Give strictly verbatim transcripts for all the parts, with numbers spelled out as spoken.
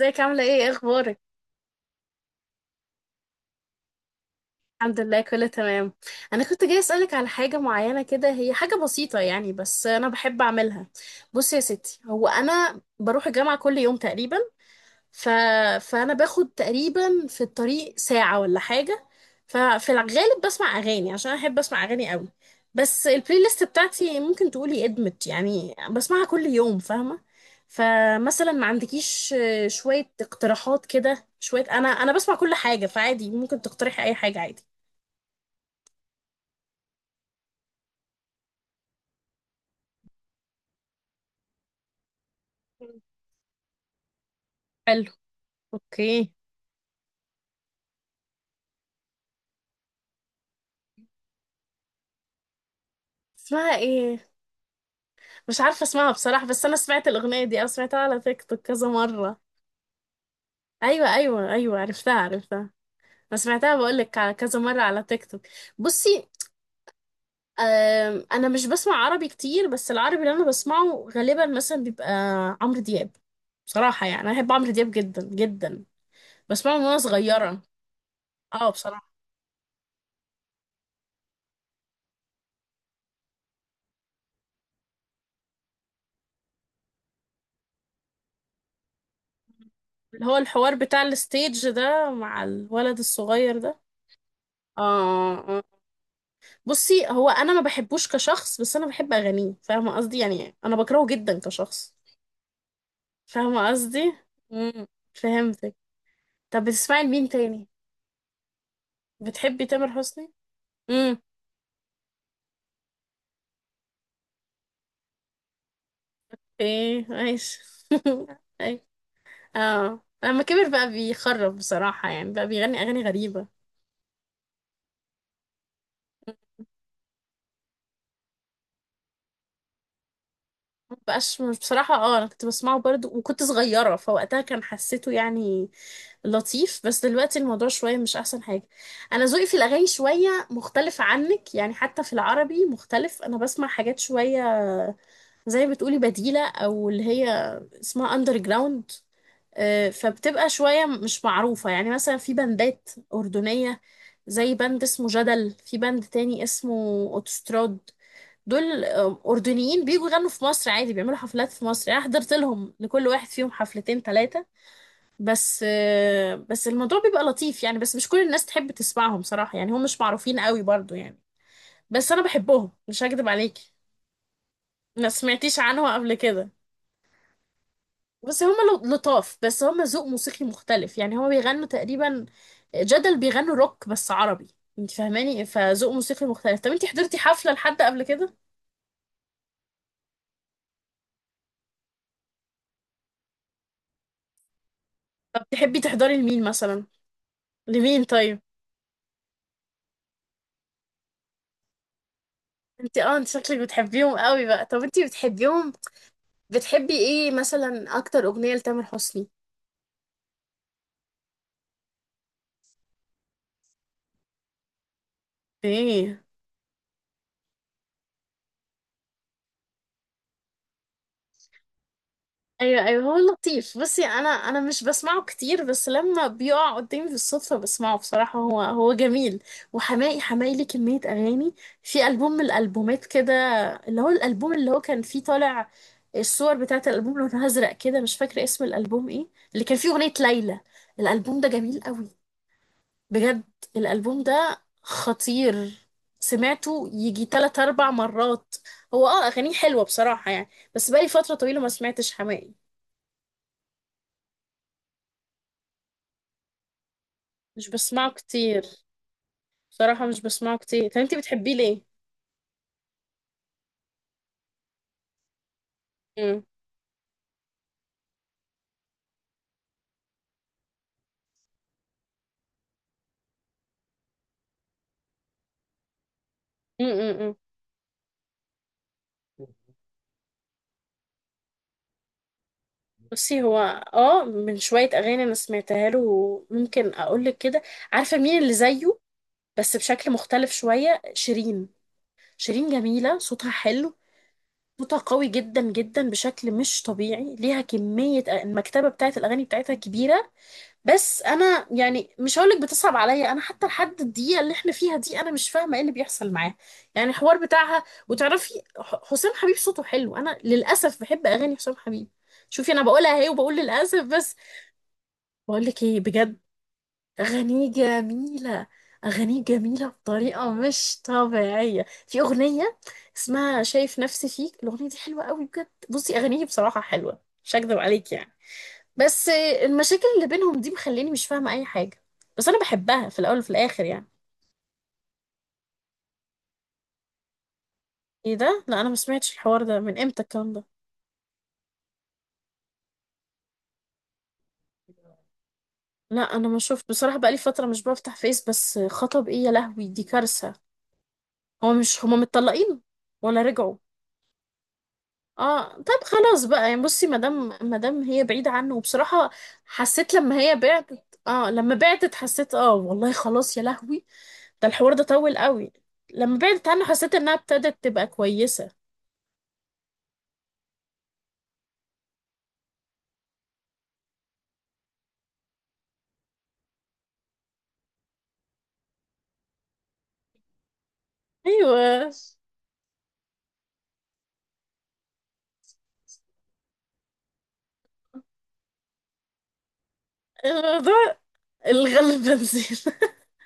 ازيك؟ عاملة ايه؟ ايه اخبارك؟ الحمد لله كله تمام. انا كنت جاي اسألك على حاجة معينة كده، هي حاجة بسيطة يعني بس انا بحب اعملها. بصي يا ستي، هو انا بروح الجامعة كل يوم تقريبا. ف... فانا باخد تقريبا في الطريق ساعة ولا حاجة. ففي الغالب بسمع اغاني عشان احب اسمع اغاني قوي. بس البلاي ليست بتاعتي ممكن تقولي ادمت يعني بسمعها كل يوم، فاهمة؟ فمثلا ما عندكيش آه، شوية اقتراحات كده؟ شوية انا انا بسمع كل حاجة فعادي ممكن تقترحي اي حاجة عادي. حلو. اوكي. اسمها ايه؟ مش عارفة اسمها بصراحة، بس انا سمعت الاغنية دي، انا سمعتها على تيك توك كذا مرة. ايوه ايوه ايوه، عرفتها عرفتها. انا سمعتها، بقولك، على كذا مرة على تيك توك. بصي، آم، انا مش بسمع عربي كتير، بس العربي اللي انا بسمعه غالبا مثلا بيبقى عمرو دياب. بصراحة يعني انا بحب عمرو دياب جدا جدا. بسمعه من وانا صغيرة. اه بصراحة. اللي هو الحوار بتاع الستيج ده مع الولد الصغير ده. اه آه. بصي هو انا ما بحبوش كشخص، بس انا بحب اغانيه، فاهمة قصدي؟ يعني انا بكرهه جدا كشخص. فاهمة قصدي. امم فهمتك. طب بتسمعي لمين تاني؟ بتحبي تامر حسني؟ امم ايه عايش اي. اه لما كبر بقى بيخرب بصراحة، يعني بقى بيغني أغاني غريبة. مبقاش، مش بصراحة، اه أنا كنت بسمعه برضو وكنت صغيرة، فوقتها كان حسيته يعني لطيف، بس دلوقتي الموضوع شوية مش أحسن حاجة. أنا ذوقي في الأغاني شوية مختلف عنك يعني، حتى في العربي مختلف، أنا بسمع حاجات شوية زي ما بتقولي بديلة، أو اللي هي اسمها أندر جراوند. آه، فبتبقى شوية مش معروفة يعني، مثلا في بندات أردنية زي بند اسمه جدل، في بند تاني اسمه أوتوستراد. دول آه، أردنيين بيجوا يغنوا في مصر عادي، بيعملوا حفلات في مصر يعني، أنا حضرت لهم لكل واحد فيهم حفلتين ثلاثة. بس آه، بس الموضوع بيبقى لطيف يعني، بس مش كل الناس تحب تسمعهم صراحة يعني، هم مش معروفين قوي برضو يعني. بس أنا بحبهم مش هكدب عليك. ما سمعتيش عنهم قبل كده؟ بس هما لو- لطاف، بس هما ذوق موسيقي مختلف يعني، هما بيغنوا تقريبا جدل بيغنوا روك بس عربي. انت فاهماني؟ فذوق موسيقي مختلف. طب انت حضرتي حفلة لحد قبل كده؟ طب تحبي تحضري لمين مثلا؟ لمين طيب؟ انت اه انت شكلك بتحبيهم قوي بقى. طب انت بتحبيهم، بتحبي ايه مثلا اكتر اغنية لتامر حسني؟ ايه؟ ايوه ايوه هو لطيف. بصي انا انا مش بسمعه كتير، بس لما بيقع قدامي بالصدفه بسمعه بصراحه، هو هو جميل. وحماقي، حماقي ليه كميه اغاني، في البوم من الالبومات كده، اللي هو الالبوم اللي هو كان فيه طالع الصور بتاعه الالبوم لونها ازرق كده، مش فاكره اسم الالبوم ايه، اللي كان فيه اغنيه ليلى. الالبوم ده جميل قوي بجد، الالبوم ده خطير، سمعته يجي تلات أربع مرات. هو اه أغانيه حلوة بصراحة يعني، بس بقالي فترة طويلة ما سمعتش حماقي. مش بسمعه كتير بصراحة، مش بسمعه كتير. طب انتي بتحبيه ليه؟ مم. مم مم مم. بصي هو اه من شوية أغاني أنا سمعتها له، ممكن أقولك كده، عارفة مين اللي زيه بس بشكل مختلف شوية؟ شيرين. شيرين جميلة صوتها حلو، صوتها قوي جدا جدا بشكل مش طبيعي، ليها كمية، المكتبة بتاعت الأغاني بتاعتها كبيرة. بس انا يعني مش هقولك بتصعب عليا، انا حتى لحد الدقيقه اللي احنا فيها دي انا مش فاهمه ايه اللي بيحصل معاه يعني، الحوار بتاعها. وتعرفي ح- حسام حبيب صوته حلو، انا للاسف بحب اغاني حسام حبيب. شوفي انا بقولها اهي وبقول للاسف بس، بقولك ايه بجد؟ اغانيه جميله، اغانيه جميله بطريقه مش طبيعيه. في اغنيه اسمها شايف نفسي فيك، الاغنيه دي حلوه قوي بجد. بصي اغانيه بصراحه حلوه مش هكدب عليكي يعني، بس المشاكل اللي بينهم دي مخليني مش فاهمة أي حاجة. بس أنا بحبها في الأول وفي الآخر يعني. إيه ده؟ لا أنا ما سمعتش الحوار ده، من إمتى الكلام ده؟ لا أنا ما شفت بصراحة، بقالي فترة مش بفتح فيس. بس خطب إيه؟ يا لهوي دي كارثة. هو مش هما متطلقين ولا رجعوا؟ اه طب خلاص بقى يعني. بصي، مادام مادام هي بعيدة عنه وبصراحة حسيت لما هي بعتت، اه لما بعتت حسيت، اه والله خلاص يا لهوي، ده الحوار ده طول قوي. لما بعدت عنه حسيت انها ابتدت تبقى كويسة. ايوه الموضوع الغل بنزين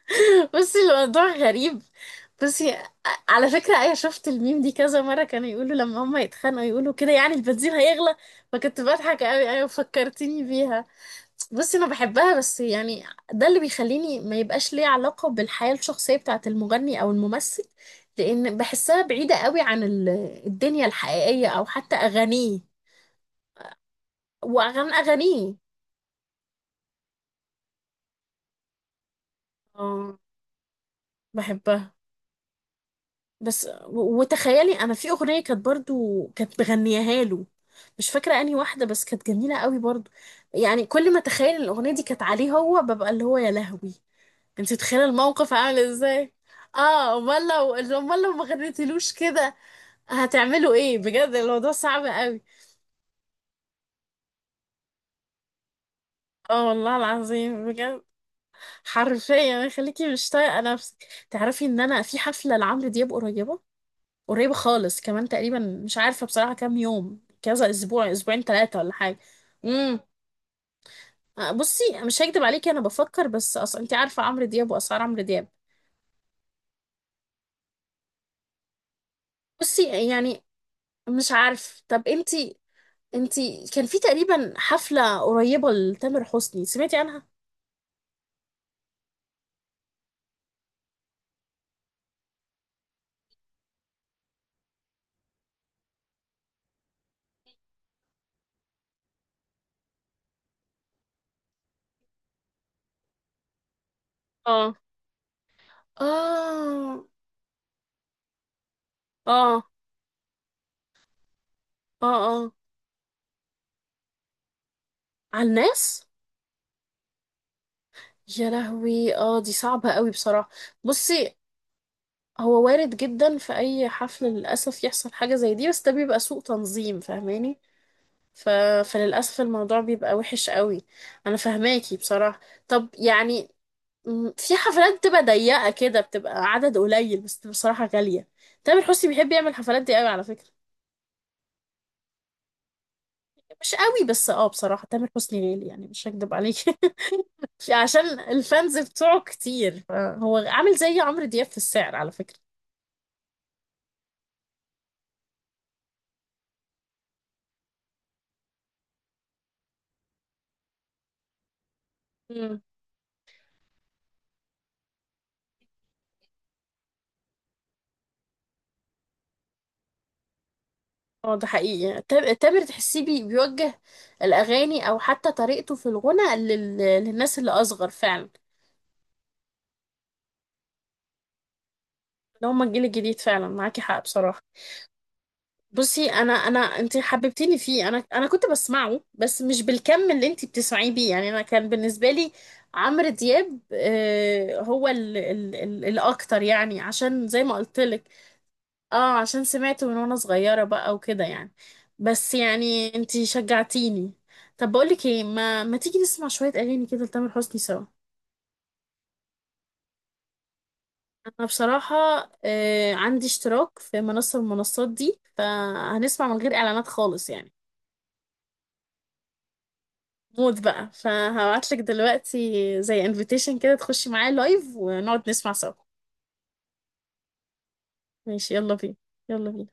بصي الموضوع غريب. بصي ع- على فكرة أنا شفت الميم دي كذا مرة، كانوا يقولوا لما هما يتخانقوا يقولوا كده يعني البنزين هيغلى، فكنت بضحك أوي. أيوة فكرتيني بيها. بصي أنا بحبها بس يعني، ده اللي بيخليني ما يبقاش ليه علاقة بالحياة الشخصية بتاعة المغني أو الممثل، لأن بحسها بعيدة أوي عن ال- الدنيا الحقيقية أو حتى أغانيه. وأغاني أغانيه. اه بحبها. بس و- وتخيلي انا في اغنيه كانت برضو كانت بغنيها له، مش فاكره انهي واحده بس كانت جميله قوي برضو يعني. كل ما اتخيل إن الاغنيه دي كانت عليه هو ببقى اللي هو يا لهوي، انت متخيله الموقف عامل ازاي؟ اه، امال، لو امال لو ما غنيتلوش كده، هتعملوا ايه؟ بجد الموضوع صعب قوي. اه والله العظيم بجد، حرفيا خليكي مش طايقه نفسك. تعرفي ان انا في حفله لعمرو دياب قريبه، قريب خالص كمان تقريبا. مش عارفة بصراحة كام يوم، كذا أسبوع، أسبوعين ثلاثة ولا حاجة. امم بصي مش هكدب عليكي أنا بفكر، بس أصلا أنت عارفة عمرو دياب وأسعار عمرو دياب. بصي يعني مش عارف. طب أنت أنت كان في تقريبا حفلة قريبة لتامر حسني سمعتي عنها؟ اه. اه. اه. اه. اه على الناس. يا لهوي اه دي صعبة قوي بصراحة. بصي هو وارد جدا في اي حفل للاسف يحصل حاجه زي دي، بس ده بيبقى سوء تنظيم، فاهماني؟ ف... فللاسف الموضوع بيبقى وحش قوي. انا فاهماكي بصراحه. طب يعني م، في حفلات بتبقى ضيقه كده، بتبقى عدد قليل بس بتبقى بصراحه غاليه. تامر حسني بيحب يعمل الحفلات دي قوي على فكره. مش قوي، بس اه بصراحه تامر حسني غالي يعني مش هكدب عليكي عشان الفانز بتوعه كتير، فهو عامل زي عمرو دياب في السعر على فكره. اه ده حقيقي. تام- تامر تحسيه بي- بيوجه الأغاني أو حتى طريقته في الغنى لل... للناس اللي أصغر فعلا، اللي هم الجيل الجديد فعلا. معاكي حق بصراحة. بصي أنا أنا أنت حببتيني فيه. أنا أنا كنت بسمعه بس مش بالكم اللي أنت بتسمعيه بيه يعني. أنا كان بالنسبة لي عمرو دياب آه، هو ال... ال... ال... الأكتر يعني، عشان زي ما قلت لك اه، عشان سمعته من وانا صغيرة بقى وكده يعني. بس يعني انتي شجعتيني. طب بقولك ايه، ما, ما تيجي نسمع شوية اغاني كده لتامر حسني سوا؟ انا بصراحة آه عندي اشتراك في منصة من المنصات دي، فهنسمع من غير اعلانات خالص يعني، موت بقى. فهبعتلك دلوقتي زي انفيتيشن كده، تخشي معايا لايف ونقعد نسمع سوا. ماشي يلا بينا. يلا بينا.